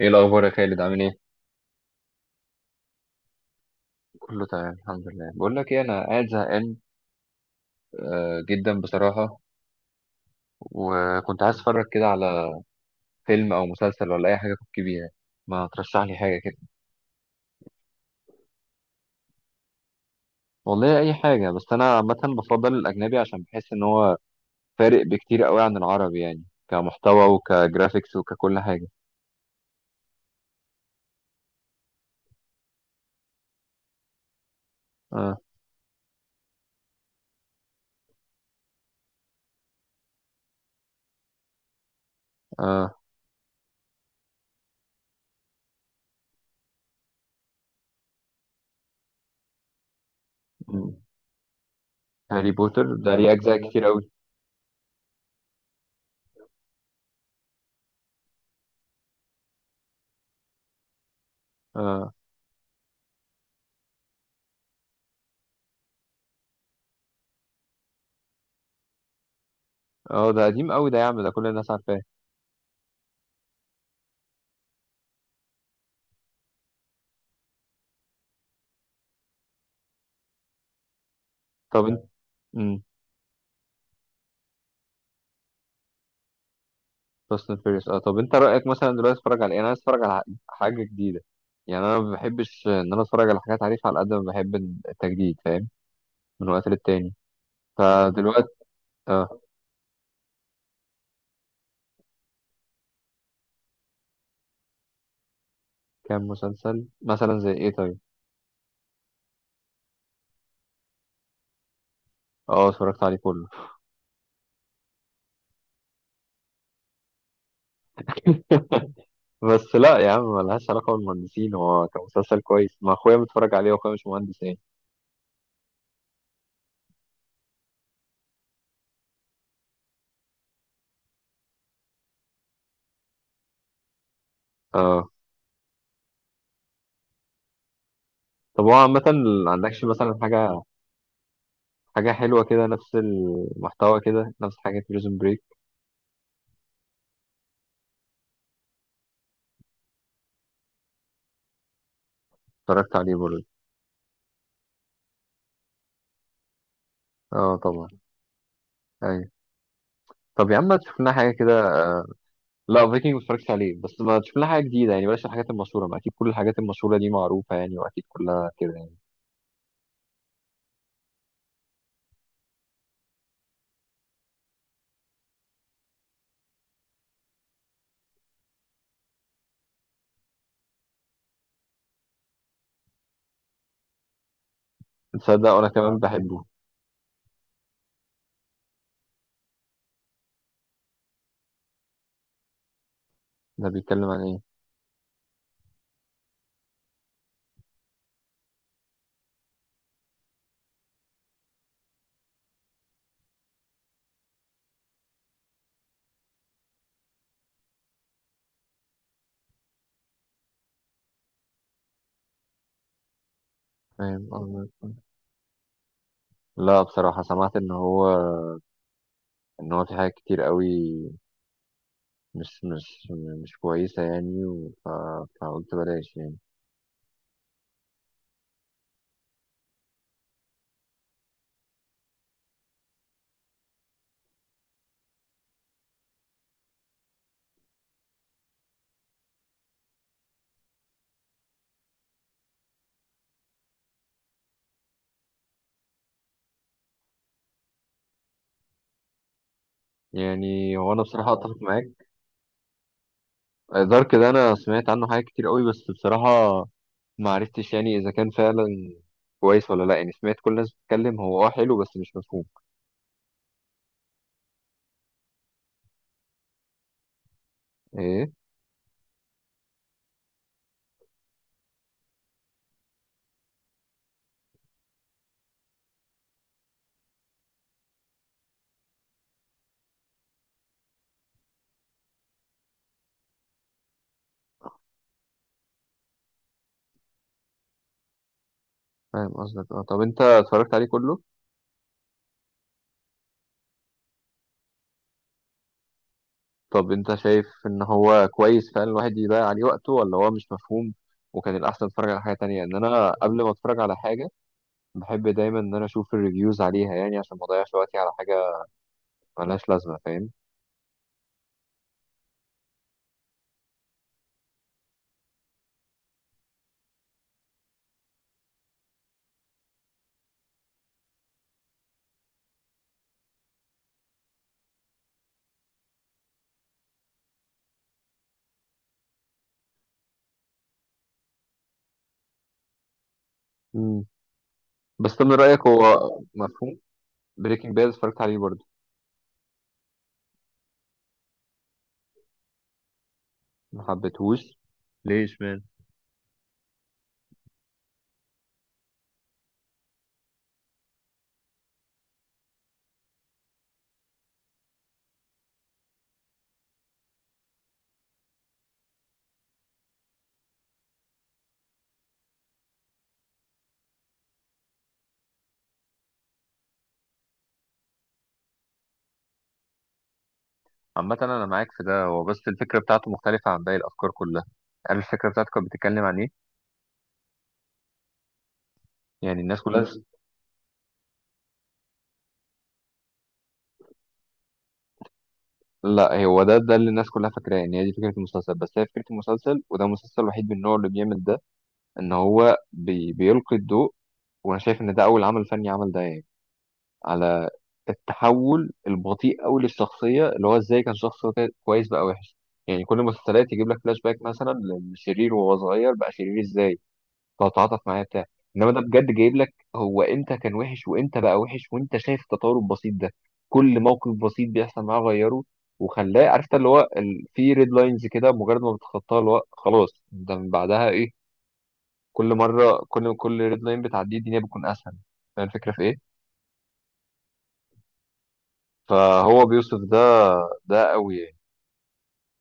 ايه الاخبار يا خالد، عامل ايه؟ كله تمام الحمد لله. بقول لك ايه، انا قاعد زهقان جدا بصراحه. وكنت عايز اتفرج كده على فيلم او مسلسل ولا اي حاجه أفك بيها. ما ترشح لي حاجه كده. والله اي حاجه، بس انا عامه بفضل الاجنبي عشان بحس ان هو فارق بكتير قوي عن العربي، يعني كمحتوى وكجرافيكس وككل حاجه. اه، اه. م. هاري بوتر ده ليه اجزاء كتير قوي؟ اه، اه. ده قديم قوي ده يا عم، ده كل الناس عارفاه. طب انت فاست اند فيوريوس، اه. طب انت رايك مثلا دلوقتي اتفرج على ايه؟ انا عايز اتفرج على حاجه جديده، يعني انا ما بحبش ان انا اتفرج على حاجات عارفها، على قد ما بحب التجديد فاهم، من وقت للتاني. فدلوقتي. اه. كام مسلسل مثلا زي ايه طيب؟ اه، اتفرجت عليه كله. بس لا يا عم، ملهاش علاقه بالمهندسين، هو كان مسلسل كويس، ما اخويا متفرج عليه واخويا مش مهندس يعني. اه. طب هو عامه ما عندكش مثلا حاجه حلوه كده، نفس المحتوى كده، نفس حاجه بريزون بريك. اتفرجت عليه برضه. اه، طبعا. أيوة. طب يا عم ما تشوف لنا حاجه كده. لا، فايكنج ما اتفرجتش عليه، بس ما تشوف لنا حاجه جديده، يعني بلاش الحاجات المشهوره، ما اكيد كل الحاجات المشهوره دي معروفه يعني، واكيد كلها كده يعني. تصدق وانا كمان بحبه. ده بيتكلم عن ايه؟ فاهم قصدك. لا بصراحه سمعت ان هو في حاجات كتير قوي مش مش مش كويسه، يعني فقلت بلاش يعني. يعني هو انا بصراحه اتفق معاك. دارك ده انا سمعت عنه حاجات كتير قوي، بس بصراحه ما عرفتش يعني اذا كان فعلا كويس ولا لا، يعني سمعت كل الناس بتتكلم، هو اه حلو بس مش مفهوم. ايه. فاهم قصدك اه. طب انت اتفرجت عليه كله؟ طب انت شايف ان هو كويس فعلا الواحد يضيع عليه وقته، ولا هو مش مفهوم وكان الاحسن اتفرج على حاجه تانية؟ ان انا قبل ما اتفرج على حاجه بحب دايما ان انا اشوف الريفيوز عليها، يعني عشان ما اضيعش وقتي على حاجه ملهاش لازمه فاهم. مم. بس طب من رايك هو مفهوم؟ بريكنج باد اتفرجت عليه برضه. ما حبيتهوش؟ ليش؟ عامة أنا معاك في ده، هو بس الفكرة بتاعته مختلفة عن باقي الأفكار كلها. عارف الفكرة بتاعته كانت بتتكلم عن إيه؟ يعني الناس كلها. لا هو ده اللي الناس كلها فاكراه إن هي دي فكرة المسلسل، بس هي فكرة المسلسل وده المسلسل الوحيد من نوعه اللي بيعمل ده، إن هو بيلقي الضوء. وأنا شايف إن ده أول عمل فني عمل ده، يعني على التحول البطيء أوي للشخصية، اللي هو إزاي كان شخص كويس بقى وحش. يعني كل المسلسلات يجيب لك فلاش باك مثلا لشرير وهو صغير بقى شرير إزاي، تتعاطف معاه بتاع، انما ده بجد جايب لك هو امتى كان وحش وامتى بقى وحش، وانت شايف التطور البسيط ده، كل موقف بسيط بيحصل معاه غيره وخلاه، عرفت اللي هو في ريد لاينز كده، مجرد ما بتخطاها اللي هو خلاص ده من بعدها ايه. كل مره، كل ريد لاين بتعديه الدنيا بتكون اسهل. فاهم الفكره في ايه؟ فهو بيوصف ده، ده قوي يعني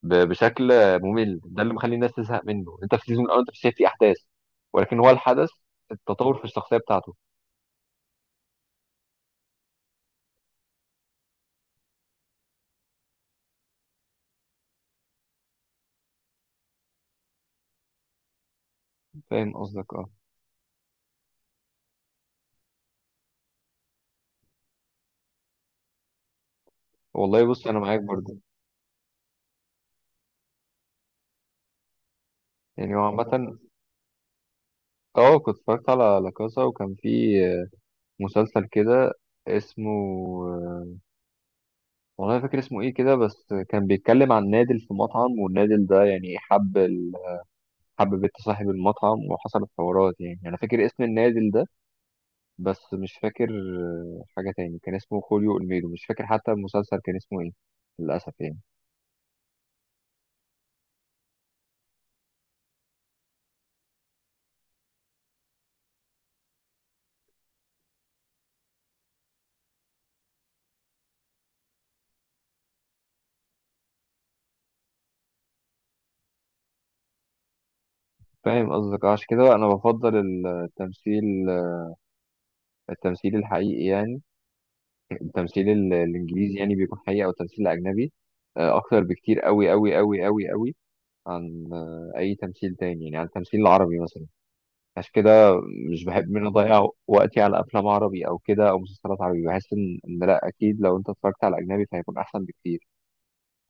بشكل ممل. ده اللي مخلي الناس تزهق منه، انت في السيزون الاول انت مش شايف فيه احداث، ولكن هو الحدث، التطور في الشخصيه بتاعته. فاهم قصدك اه. والله بص انا معاك برضه. يعني هو عامه، اه كنت اتفرجت على لا كاسا، وكان في مسلسل كده اسمه، والله فاكر اسمه ايه كده، بس كان بيتكلم عن نادل في مطعم والنادل ده يعني حب حب بنت صاحب المطعم وحصلت حوارات، يعني انا فاكر اسم النادل ده بس مش فاكر حاجه تاني، كان اسمه خوليو اولميدو، مش فاكر حتى المسلسل كان اسمه ايه للاسف يعني. فاهم قصدك آه، عشان كده انا بفضل التمثيل التمثيل الحقيقي يعني، التمثيل الانجليزي يعني بيكون حقيقي، او التمثيل الاجنبي اكتر بكتير قوي قوي قوي قوي قوي عن اي تمثيل تاني، يعني عن التمثيل العربي مثلا. عشان كده مش بحب ان أنا اضيع وقتي على افلام عربي او كده او مسلسلات عربي، بحس إن لا، اكيد لو انت اتفرجت على اجنبي فهيكون احسن بكتير،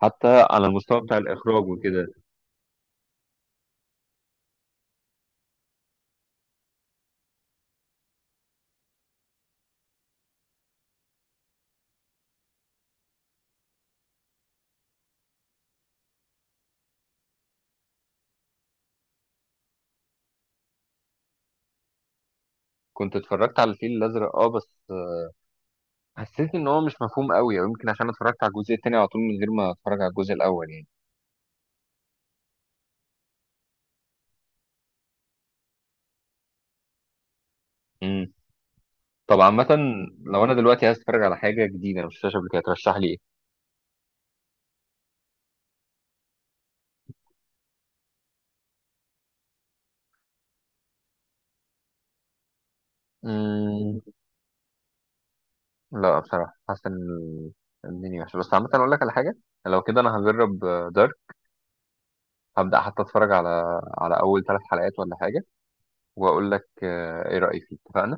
حتى على المستوى بتاع الاخراج وكده. كنت اتفرجت على الفيل الازرق اه، بس حسيت ان هو مش مفهوم قوي، او يمكن عشان اتفرجت على الجزء التاني على طول من غير ما اتفرج على الجزء الاول يعني. طب عامة لو أنا دلوقتي عايز أتفرج على حاجة جديدة أنا مش شفتهاش قبل كده، ترشح لي إيه؟ مم... لا بصراحة حاسس إن الدنيا وحشة، بس عامة أقول لك على حاجة، لو كده أنا هجرب دارك، هبدأ حتى أتفرج على أول ثلاث حلقات ولا حاجة، وأقول لك إيه رأيي فيه اتفقنا؟